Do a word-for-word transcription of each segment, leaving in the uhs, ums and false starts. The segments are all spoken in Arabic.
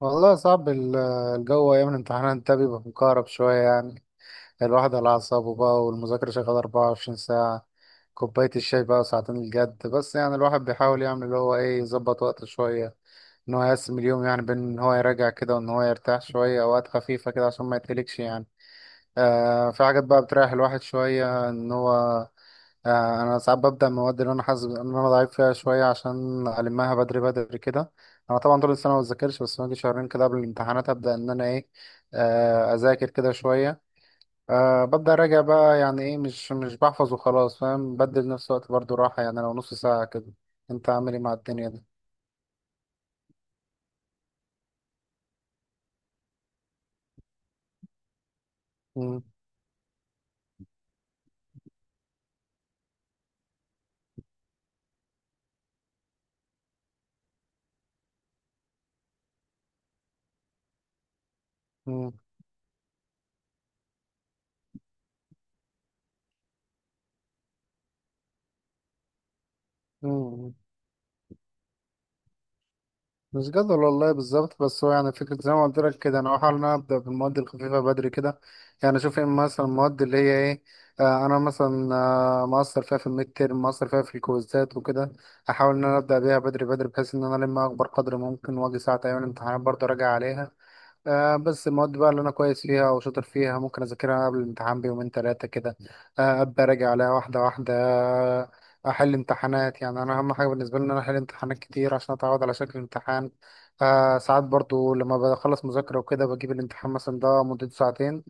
والله صعب ال- الجو أيام الامتحانات ده بيبقى مكهرب شوية يعني. الواحد على أعصابه بقى والمذاكرة شغالة 24 ساعة، كوباية الشاي بقى وساعتين الجد بس. يعني الواحد بيحاول يعمل اللي هو إيه يظبط وقته شوية، إن هو يقسم اليوم يعني بين إن هو يراجع كده وإن هو يرتاح شوية أوقات خفيفة كده عشان ما يتهلكش يعني. آه في حاجات بقى بتريح الواحد شوية ان هو. آه انا ساعات ببدأ المواد اللي انا حاسس ان انا ضعيف فيها شوية عشان المها بدري بدري كده. انا طبعا طول السنة ما بذاكرش، بس باجي شهرين كده قبل الامتحانات ابدأ ان انا ايه. آه اذاكر كده شوية. آه ببدأ اراجع بقى يعني ايه، مش مش بحفظ وخلاص فاهم، بدل نفس الوقت برضو راحة يعني لو نص ساعة كده. انت عامل ايه مع الدنيا دي؟ مم، مم، مم. مش جدول والله بالظبط، بس هو يعني فكرة زي ما قلت لك كده، أنا بحاول إن أنا أبدأ بالمواد الخفيفة بدري كده. يعني أشوف إيه مثلا المواد اللي هي إيه. آه أنا مثلا آه مقصر فيها في الميد تيرم، مقصر فيها في الكويزات وكده. أحاول إن أنا أبدأ بيها بدري بدري بحيث إن أنا ألم أكبر قدر ممكن، وأجي ساعة أيام الامتحانات برضه أراجع عليها. آه بس المواد بقى اللي انا كويس فيها وشاطر فيها ممكن اذاكرها قبل الامتحان بيومين ثلاثه كده. آه ابدا اراجع عليها واحده واحده. آه، احل امتحانات. يعني انا اهم حاجه بالنسبه لي ان انا احل امتحانات كتير عشان اتعود على شكل الامتحان. آه ساعات برضو لما بخلص مذاكره وكده بجيب الامتحان مثلا، ده مدته ساعتين.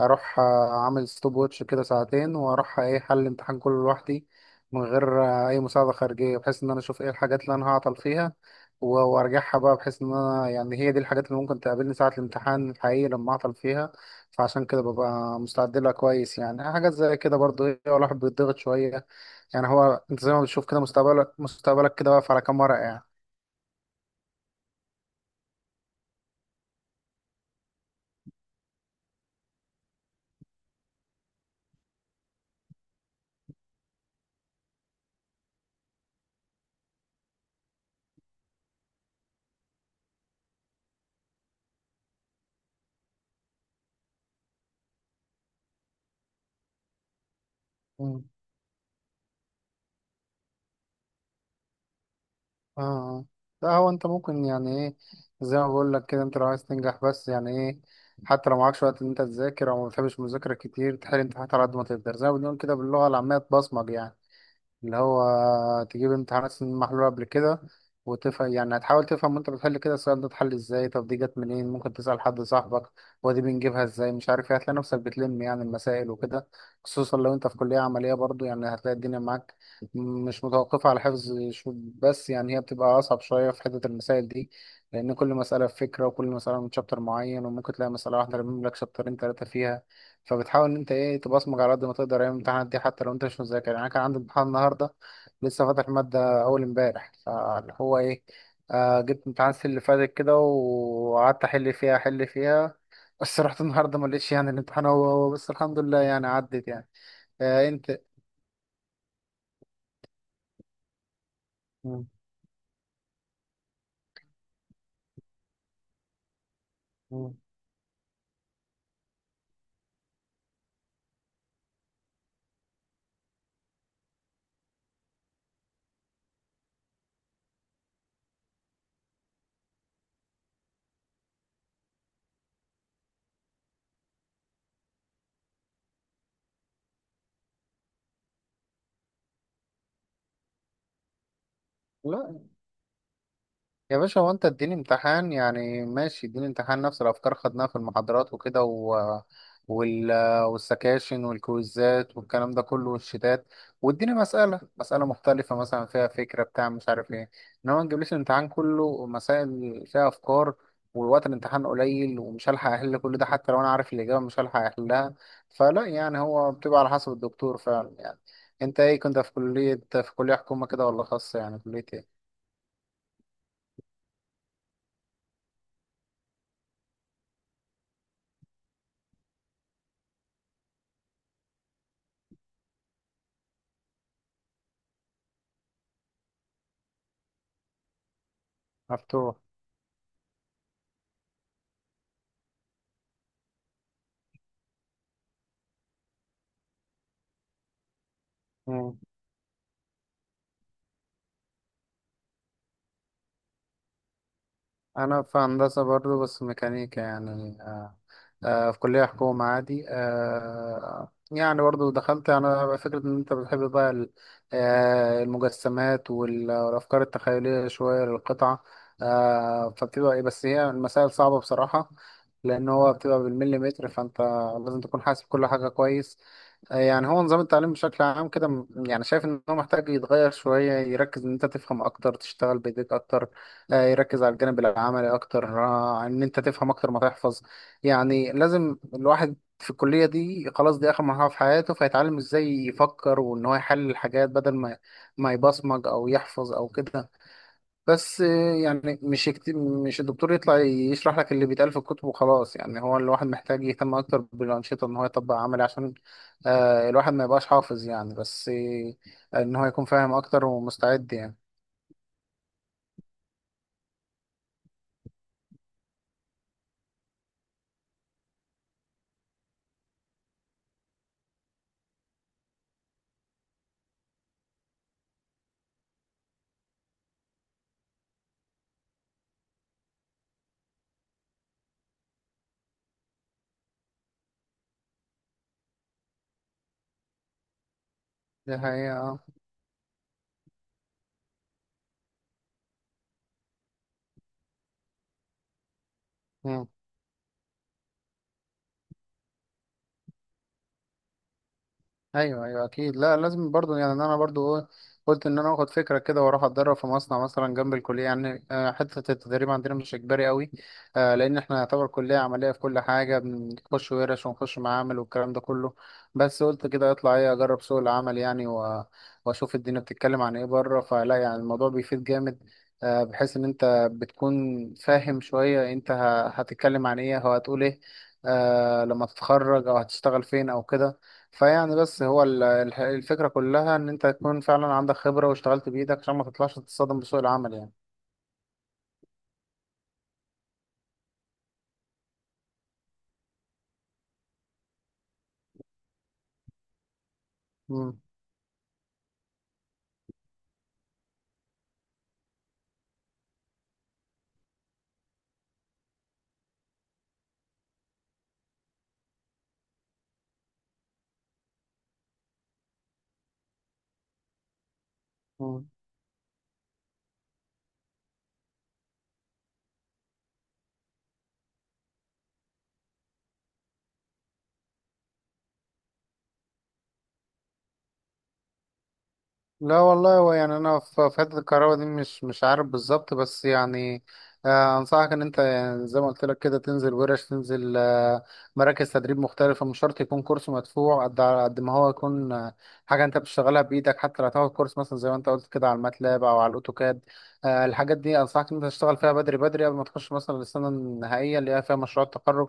اروح آه، اعمل ستوب ووتش كده ساعتين واروح آه، ايه، حل الامتحان كله لوحدي من غير آه، اي مساعده خارجيه، بحيث ان انا اشوف ايه الحاجات اللي انا هعطل فيها و- وارجعها بقى، بحيث ان انا يعني هي دي الحاجات اللي ممكن تقابلني ساعة الامتحان الحقيقي لما اعطل فيها. فعشان كده ببقى مستعد لها كويس يعني. حاجات زي كده برضه ايه، الواحد بيتضغط شوية. يعني هو انت زي ما بتشوف كده مستقبلك مستقبلك كده واقف على كام ورقة يعني. مم. اه. ده هو انت ممكن يعني ايه، زي ما بقول لك كده، انت لو عايز تنجح بس يعني ايه، حتى لو معكش وقت ان انت تذاكر او ما بتحبش المذاكرة كتير، تحل امتحانات على قد ما تقدر، زي ما بنقول كده باللغة العامية تبصمج يعني. اللي هو تجيب امتحانات سنين محلولة قبل كده وتفهم. يعني هتحاول تفهم وانت بتحل كده، السؤال ده اتحل ازاي، طب دي جت منين، ممكن تسأل حد صاحبك ودي بنجيبها ازاي مش عارف ايه. هتلاقي نفسك بتلم يعني المسائل وكده، خصوصا لو انت في كلية عملية. برضو يعني هتلاقي الدنيا معاك، مش متوقفة على حفظ شو- بس. يعني هي بتبقى أصعب شوية في حتة المسائل دي، لأن كل مسألة في فكرة، وكل مسألة من شابتر معين، وممكن تلاقي مسألة واحدة رامم لك شابترين تلاتة فيها. فبتحاول إن أنت إيه، تبصمج على قد ما تقدر أيام الامتحانات دي، حتى لو أنت مش مذاكر. يعني أنا كان عندي امتحان النهاردة، لسه فاتح مادة أول امبارح، فاللي هو إيه، آه جبت امتحان السنة اللي فاتت كده، وقعدت أحل فيها أحل فيها. بس رحت النهاردة ما لقيتش، يعني الامتحان هو هو، بس الحمد لله يعني عدت يعني. آه أنت. مم. مم. لا يا باشا، هو انت اديني امتحان، يعني ماشي اديني امتحان نفس الافكار خدناها في المحاضرات وكده و... وال... والسكاشن والكويزات والكلام ده كله والشتات، واديني مسألة مسألة مختلفة مثلا فيها فكرة بتاع مش عارف ايه. انما ما تجيبليش الامتحان كله مسائل فيها افكار، والوقت الامتحان قليل ومش هلحق احل كل ده، حتى لو انا عارف الاجابة مش هلحق احلها. فلا يعني هو بتبقى على حسب الدكتور فعلا يعني. انت ايه، كنت في كلية في كلية حكومة كده ولا خاصة، يعني كلية ايه؟ مفتوح. انا في هندسه برضو بس ميكانيكا يعني آه آه في كليه حكومه عادي. آه يعني برضو دخلت انا فكره ان انت بتحب بقى ال- آه المجسمات وال- والافكار التخيليه شويه للقطعه. آه فبتبقى ايه، بس هي المسائل صعبه بصراحه، لان هو بتبقى بالمليمتر، فانت لازم تكون حاسب كل حاجه كويس. يعني هو نظام التعليم بشكل عام كده م- يعني شايف ان هو محتاج يتغير شوية، يركز ان انت تفهم اكتر، تشتغل بايديك اكتر، آه، يركز على الجانب العملي اكتر، آه، ان انت تفهم اكتر ما تحفظ. يعني لازم الواحد في الكلية دي، خلاص دي اخر مرحلة في حياته، فيتعلم ازاي يفكر وان هو يحلل الحاجات، بدل ما ما يبصمج او يحفظ او كده. بس يعني مش يكت... مش الدكتور يطلع يشرح لك اللي بيتقال في الكتب وخلاص. يعني هو الواحد محتاج يهتم اكتر بالانشطه، ان هو يطبق عملي، عشان آه الواحد ما يبقاش حافظ يعني، بس آه ان هو يكون فاهم اكتر ومستعد يعني. دي حقيقه. آه. ايوه ايوه اكيد. لا لازم برضو، يعني إن انا برضو ايه، قلت ان انا اخد فكره كده واروح اتدرب في مصنع مثلا جنب الكليه يعني. آه، حته التدريب عندنا مش اجباري قوي، آه، لان احنا يعتبر كليه عمليه في كل حاجه، بنخش ورش ونخش معامل والكلام ده كله. بس قلت كده اطلع ايه، اجرب سوق العمل يعني و- واشوف الدنيا بتتكلم عن ايه بره. فلا يعني الموضوع بيفيد جامد، آه، بحيث ان انت بتكون فاهم شويه انت ه- هتتكلم عن ايه او هتقول ايه آه، لما تتخرج، او هتشتغل فين او كده. فيعني بس هو ال- الح- الفكرة كلها إن أنت تكون فعلا عندك خبرة واشتغلت بإيدك، عشان ما تطلعش تتصدم بسوق العمل يعني. مم. مم. لا والله، هو يعني انا في في حته الكهرباء دي مش مش عارف بالظبط، بس يعني، آه، انصحك ان انت، يعني زي ما قلت لك كده، تنزل ورش، تنزل آه، مراكز تدريب مختلفه. مش شرط يكون كورس مدفوع، قد على قد ما هو يكون آه، حاجه انت بتشتغلها بايدك، حتى لو هتاخد كورس مثلا، زي ما انت قلت كده، على الماتلاب او على الاوتوكاد. آه، الحاجات دي انصحك ان انت تشتغل فيها بدري بدري قبل ما تخش مثلا السنه النهائيه اللي هي فيها مشروع التخرج،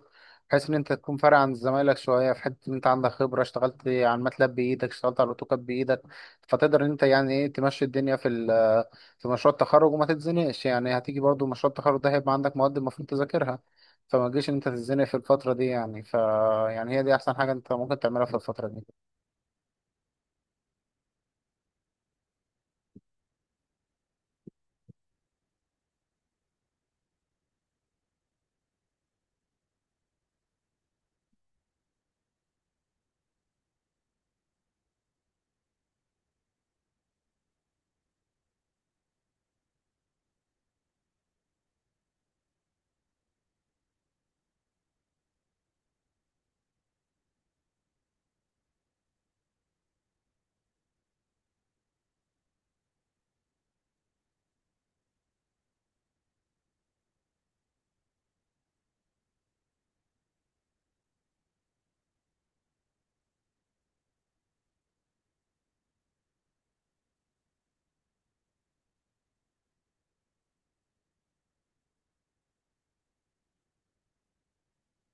بحيث ان انت تكون فارق عن زمايلك شويه في حته ان انت عندك خبره، اشتغلت على الماتلاب بايدك، اشتغلت على الاوتوكاد بايدك، فتقدر ان انت يعني ايه تمشي الدنيا في ال- في مشروع التخرج وما تتزنقش. يعني هتيجي برضو مشروع التخرج ده، هيبقى عندك مواد المفروض تذاكرها، فما تجيش ان انت تتزنق في الفترة دي يعني. ف يعني هي دي احسن حاجة انت ممكن تعملها في الفترة دي.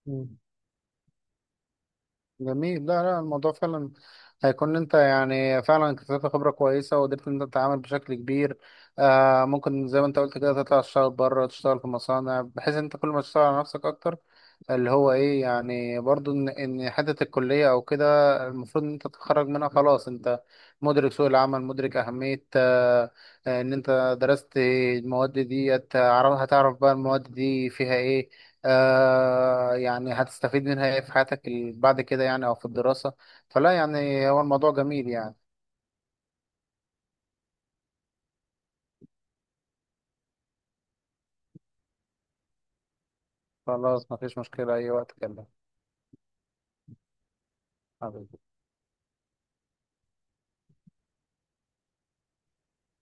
مم. جميل. لا لا، الموضوع فعلا هيكون، انت يعني فعلا اكتسبت خبرة كويسة، وقدرت ان انت تتعامل بشكل كبير. آه ممكن زي ما انت قلت كده، تطلع تشتغل بره، تشتغل في مصانع، بحيث ان انت كل ما تشتغل على نفسك اكتر، اللي هو ايه يعني برضو ان ان حته الكليه او كده المفروض ان انت تتخرج منها، خلاص انت مدرك سوق العمل، مدرك اهميه آه، آه، ان انت درست المواد دي، هتعرف هتعرف بقى المواد دي فيها ايه. آه يعني هتستفيد منها ايه في حياتك ال- بعد كده يعني، او في الدراسه. فلا يعني هو الموضوع جميل يعني. خلاص، مفيش مشكله، اي وقت كلمني. حبيبي.